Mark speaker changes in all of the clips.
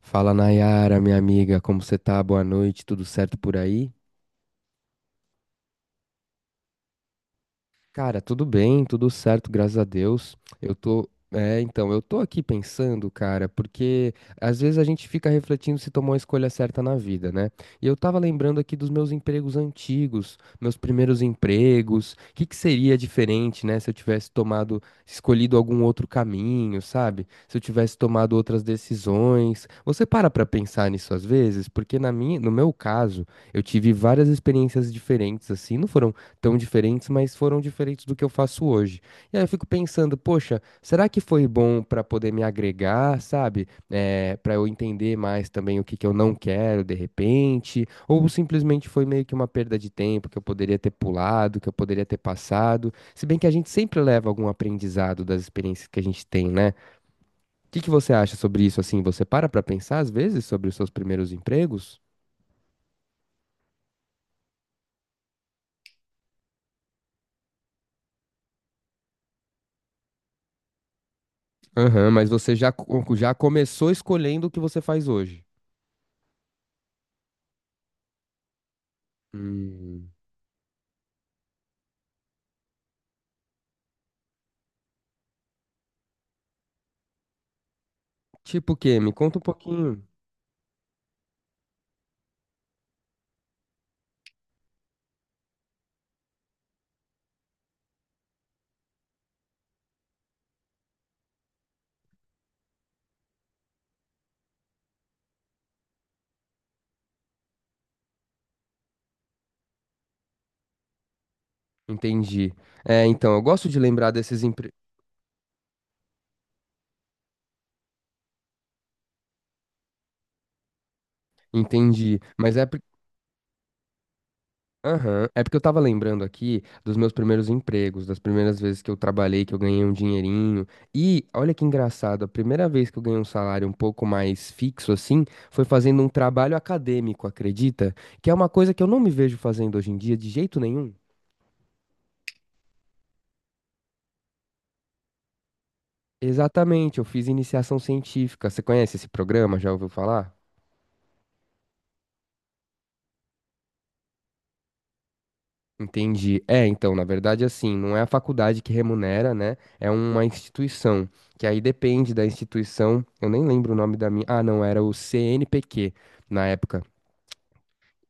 Speaker 1: Fala Nayara, minha amiga, como você tá? Boa noite, tudo certo por aí? Cara, tudo bem, tudo certo, graças a Deus. Então, eu tô aqui pensando, cara, porque às vezes a gente fica refletindo se tomou a escolha certa na vida, né? E eu tava lembrando aqui dos meus empregos antigos, meus primeiros empregos, o que que seria diferente, né, se eu tivesse tomado, escolhido algum outro caminho, sabe? Se eu tivesse tomado outras decisões. Você para pra pensar nisso às vezes? Porque no meu caso, eu tive várias experiências diferentes, assim, não foram tão diferentes, mas foram diferentes do que eu faço hoje. E aí eu fico pensando, poxa, será que foi bom para poder me agregar, sabe? É, para eu entender mais também o que que eu não quero de repente, ou simplesmente foi meio que uma perda de tempo que eu poderia ter pulado, que eu poderia ter passado. Se bem que a gente sempre leva algum aprendizado das experiências que a gente tem, né? O que que você acha sobre isso assim? Você para pensar às vezes sobre os seus primeiros empregos? Aham, mas você já começou escolhendo o que você faz hoje. Hum. Tipo o quê? Me conta um pouquinho. Entendi. É, então, eu gosto de lembrar desses empre... Entendi. Mas é, aham. É porque eu tava lembrando aqui dos meus primeiros empregos, das primeiras vezes que eu trabalhei, que eu ganhei um dinheirinho. E olha que engraçado, a primeira vez que eu ganhei um salário um pouco mais fixo assim, foi fazendo um trabalho acadêmico, acredita? Que é uma coisa que eu não me vejo fazendo hoje em dia de jeito nenhum. Exatamente, eu fiz iniciação científica. Você conhece esse programa? Já ouviu falar? Entendi. É, então, na verdade, assim, não é a faculdade que remunera, né? É uma instituição, que aí depende da instituição. Eu nem lembro o nome da minha. Ah, não, era o CNPq na época.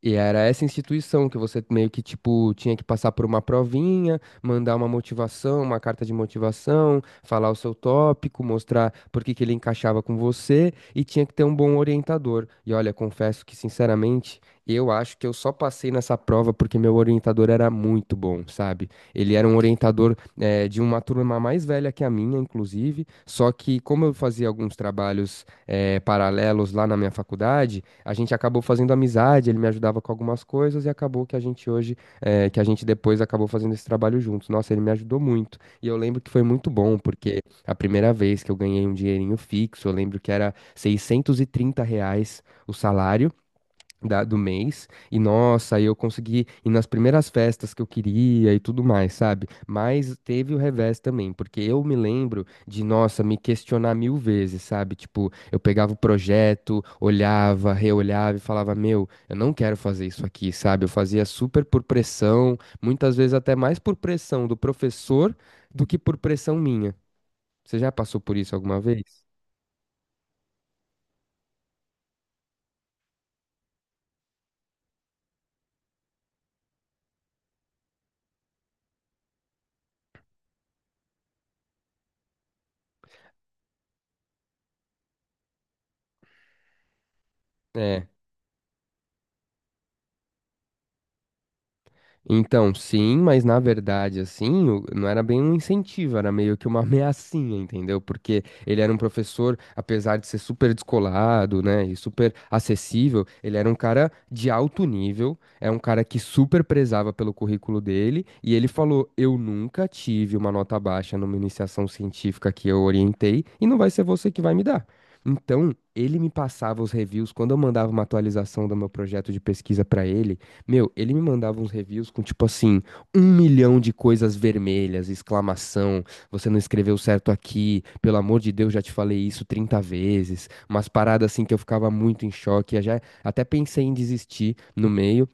Speaker 1: E era essa instituição que você meio que, tipo, tinha que passar por uma provinha, mandar uma motivação, uma carta de motivação, falar o seu tópico, mostrar por que que ele encaixava com você e tinha que ter um bom orientador. E olha, confesso que, sinceramente, eu acho que eu só passei nessa prova porque meu orientador era muito bom, sabe? Ele era um orientador, de uma turma mais velha que a minha, inclusive, só que como eu fazia alguns trabalhos, paralelos lá na minha faculdade, a gente acabou fazendo amizade, ele me ajudava com algumas coisas e acabou que a gente hoje, que a gente depois acabou fazendo esse trabalho juntos. Nossa, ele me ajudou muito. E eu lembro que foi muito bom, porque a primeira vez que eu ganhei um dinheirinho fixo, eu lembro que era R$ 630 o salário do mês. E nossa, aí eu consegui ir nas primeiras festas que eu queria e tudo mais, sabe? Mas teve o revés também, porque eu me lembro de, nossa, me questionar mil vezes, sabe? Tipo, eu pegava o projeto, olhava, reolhava e falava, meu, eu não quero fazer isso aqui, sabe? Eu fazia super por pressão, muitas vezes até mais por pressão do professor do que por pressão minha. Você já passou por isso alguma vez? É. Então, sim, mas na verdade, assim, não era bem um incentivo, era meio que uma ameaçinha, entendeu? Porque ele era um professor, apesar de ser super descolado, né, e super acessível, ele era um cara de alto nível, é um cara que super prezava pelo currículo dele, e ele falou: Eu nunca tive uma nota baixa numa iniciação científica que eu orientei, e não vai ser você que vai me dar. Então, ele me passava os reviews quando eu mandava uma atualização do meu projeto de pesquisa para ele. Meu, ele me mandava uns reviews com tipo assim, um milhão de coisas vermelhas, exclamação, você não escreveu certo aqui, pelo amor de Deus, já te falei isso 30 vezes, umas paradas assim que eu ficava muito em choque, eu já até pensei em desistir no meio,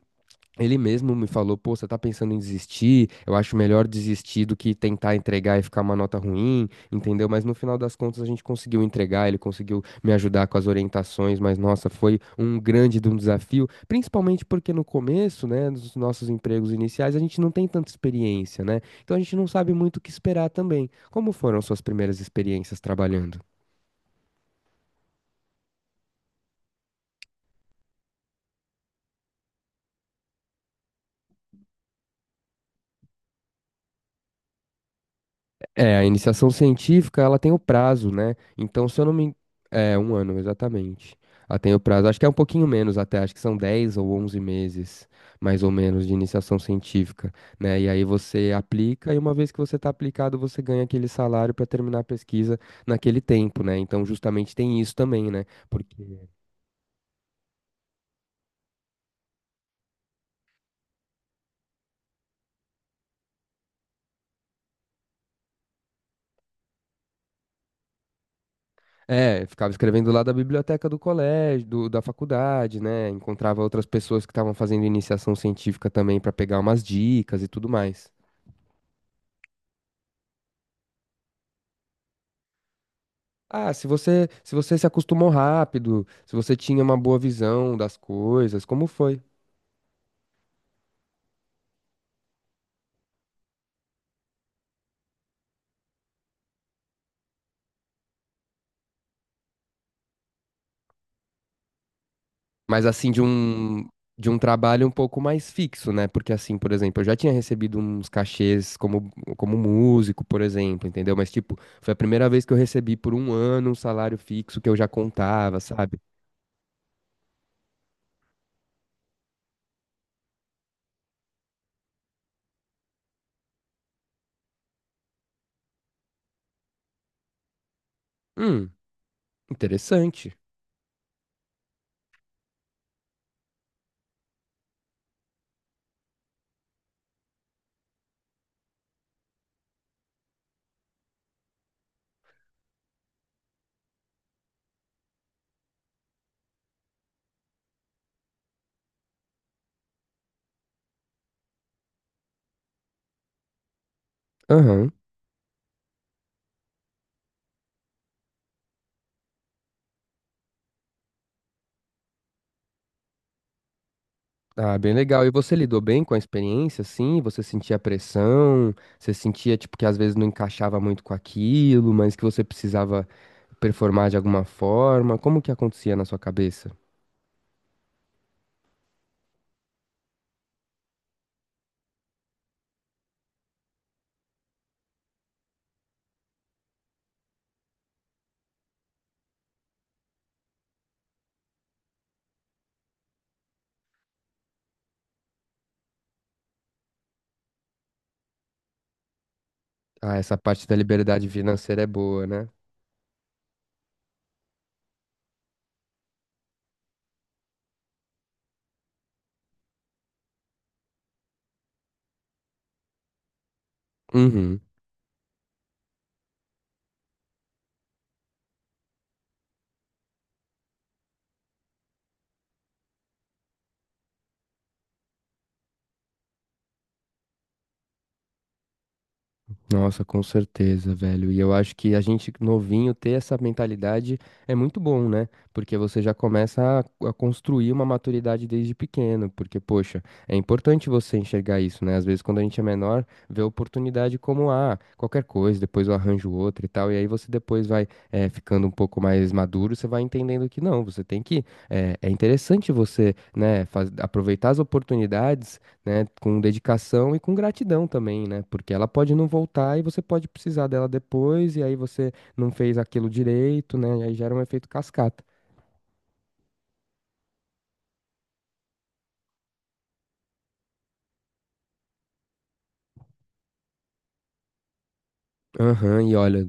Speaker 1: ele mesmo me falou, pô, você tá pensando em desistir? Eu acho melhor desistir do que tentar entregar e ficar uma nota ruim, entendeu? Mas no final das contas a gente conseguiu entregar, ele conseguiu me ajudar com as orientações, mas nossa, foi um grande de um desafio, principalmente porque no começo, né, dos nossos empregos iniciais, a gente não tem tanta experiência, né? Então a gente não sabe muito o que esperar também. Como foram suas primeiras experiências trabalhando? É, a iniciação científica, ela tem o prazo, né? Então, se eu não me... É, um ano, exatamente. Ela tem o prazo. Acho que é um pouquinho menos até, acho que são 10 ou 11 meses, mais ou menos, de iniciação científica, né? E aí você aplica, e uma vez que você está aplicado, você ganha aquele salário para terminar a pesquisa naquele tempo, né? Então, justamente tem isso também, né? Porque... É, ficava escrevendo lá da biblioteca do colégio, da faculdade, né? Encontrava outras pessoas que estavam fazendo iniciação científica também para pegar umas dicas e tudo mais. Ah, se você, se você se acostumou rápido, se você tinha uma boa visão das coisas, como foi? Mas assim, de um trabalho um pouco mais fixo, né? Porque assim, por exemplo, eu já tinha recebido uns cachês como músico, por exemplo, entendeu? Mas tipo, foi a primeira vez que eu recebi por um ano um salário fixo que eu já contava, sabe? Hum, interessante. Aham. Ah, bem legal. E você lidou bem com a experiência, assim? Você sentia pressão? Você sentia, tipo, que às vezes não encaixava muito com aquilo, mas que você precisava performar de alguma forma? Como que acontecia na sua cabeça? Ah, essa parte da liberdade financeira é boa, né? Uhum. Nossa, com certeza, velho. E eu acho que a gente novinho ter essa mentalidade é muito bom, né? Porque você já começa a construir uma maturidade desde pequeno. Porque, poxa, é importante você enxergar isso, né? Às vezes, quando a gente é menor, vê a oportunidade como, ah, qualquer coisa, depois eu arranjo outra e tal. E aí você depois vai ficando um pouco mais maduro, você vai entendendo que não, você tem que. É interessante você, né, aproveitar as oportunidades né, com dedicação e com gratidão também, né? Porque ela pode não voltar e você pode precisar dela depois, e aí você não fez aquilo direito, né? E aí gera um efeito cascata. Aham, e olha,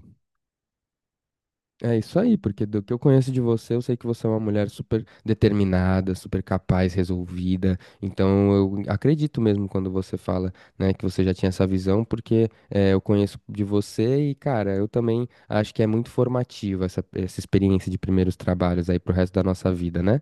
Speaker 1: é isso aí, porque do que eu conheço de você, eu sei que você é uma mulher super determinada, super capaz, resolvida. Então eu acredito mesmo quando você fala, né, que você já tinha essa visão, porque eu conheço de você e, cara, eu também acho que é muito formativa essa experiência de primeiros trabalhos aí pro resto da nossa vida, né?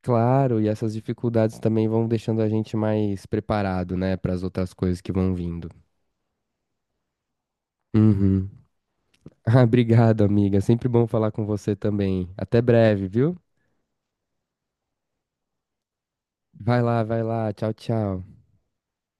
Speaker 1: Claro, e essas dificuldades também vão deixando a gente mais preparado, né, para as outras coisas que vão vindo. Uhum. Ah, obrigado, amiga. Sempre bom falar com você também. Até breve, viu? Vai lá, vai lá. Tchau, tchau.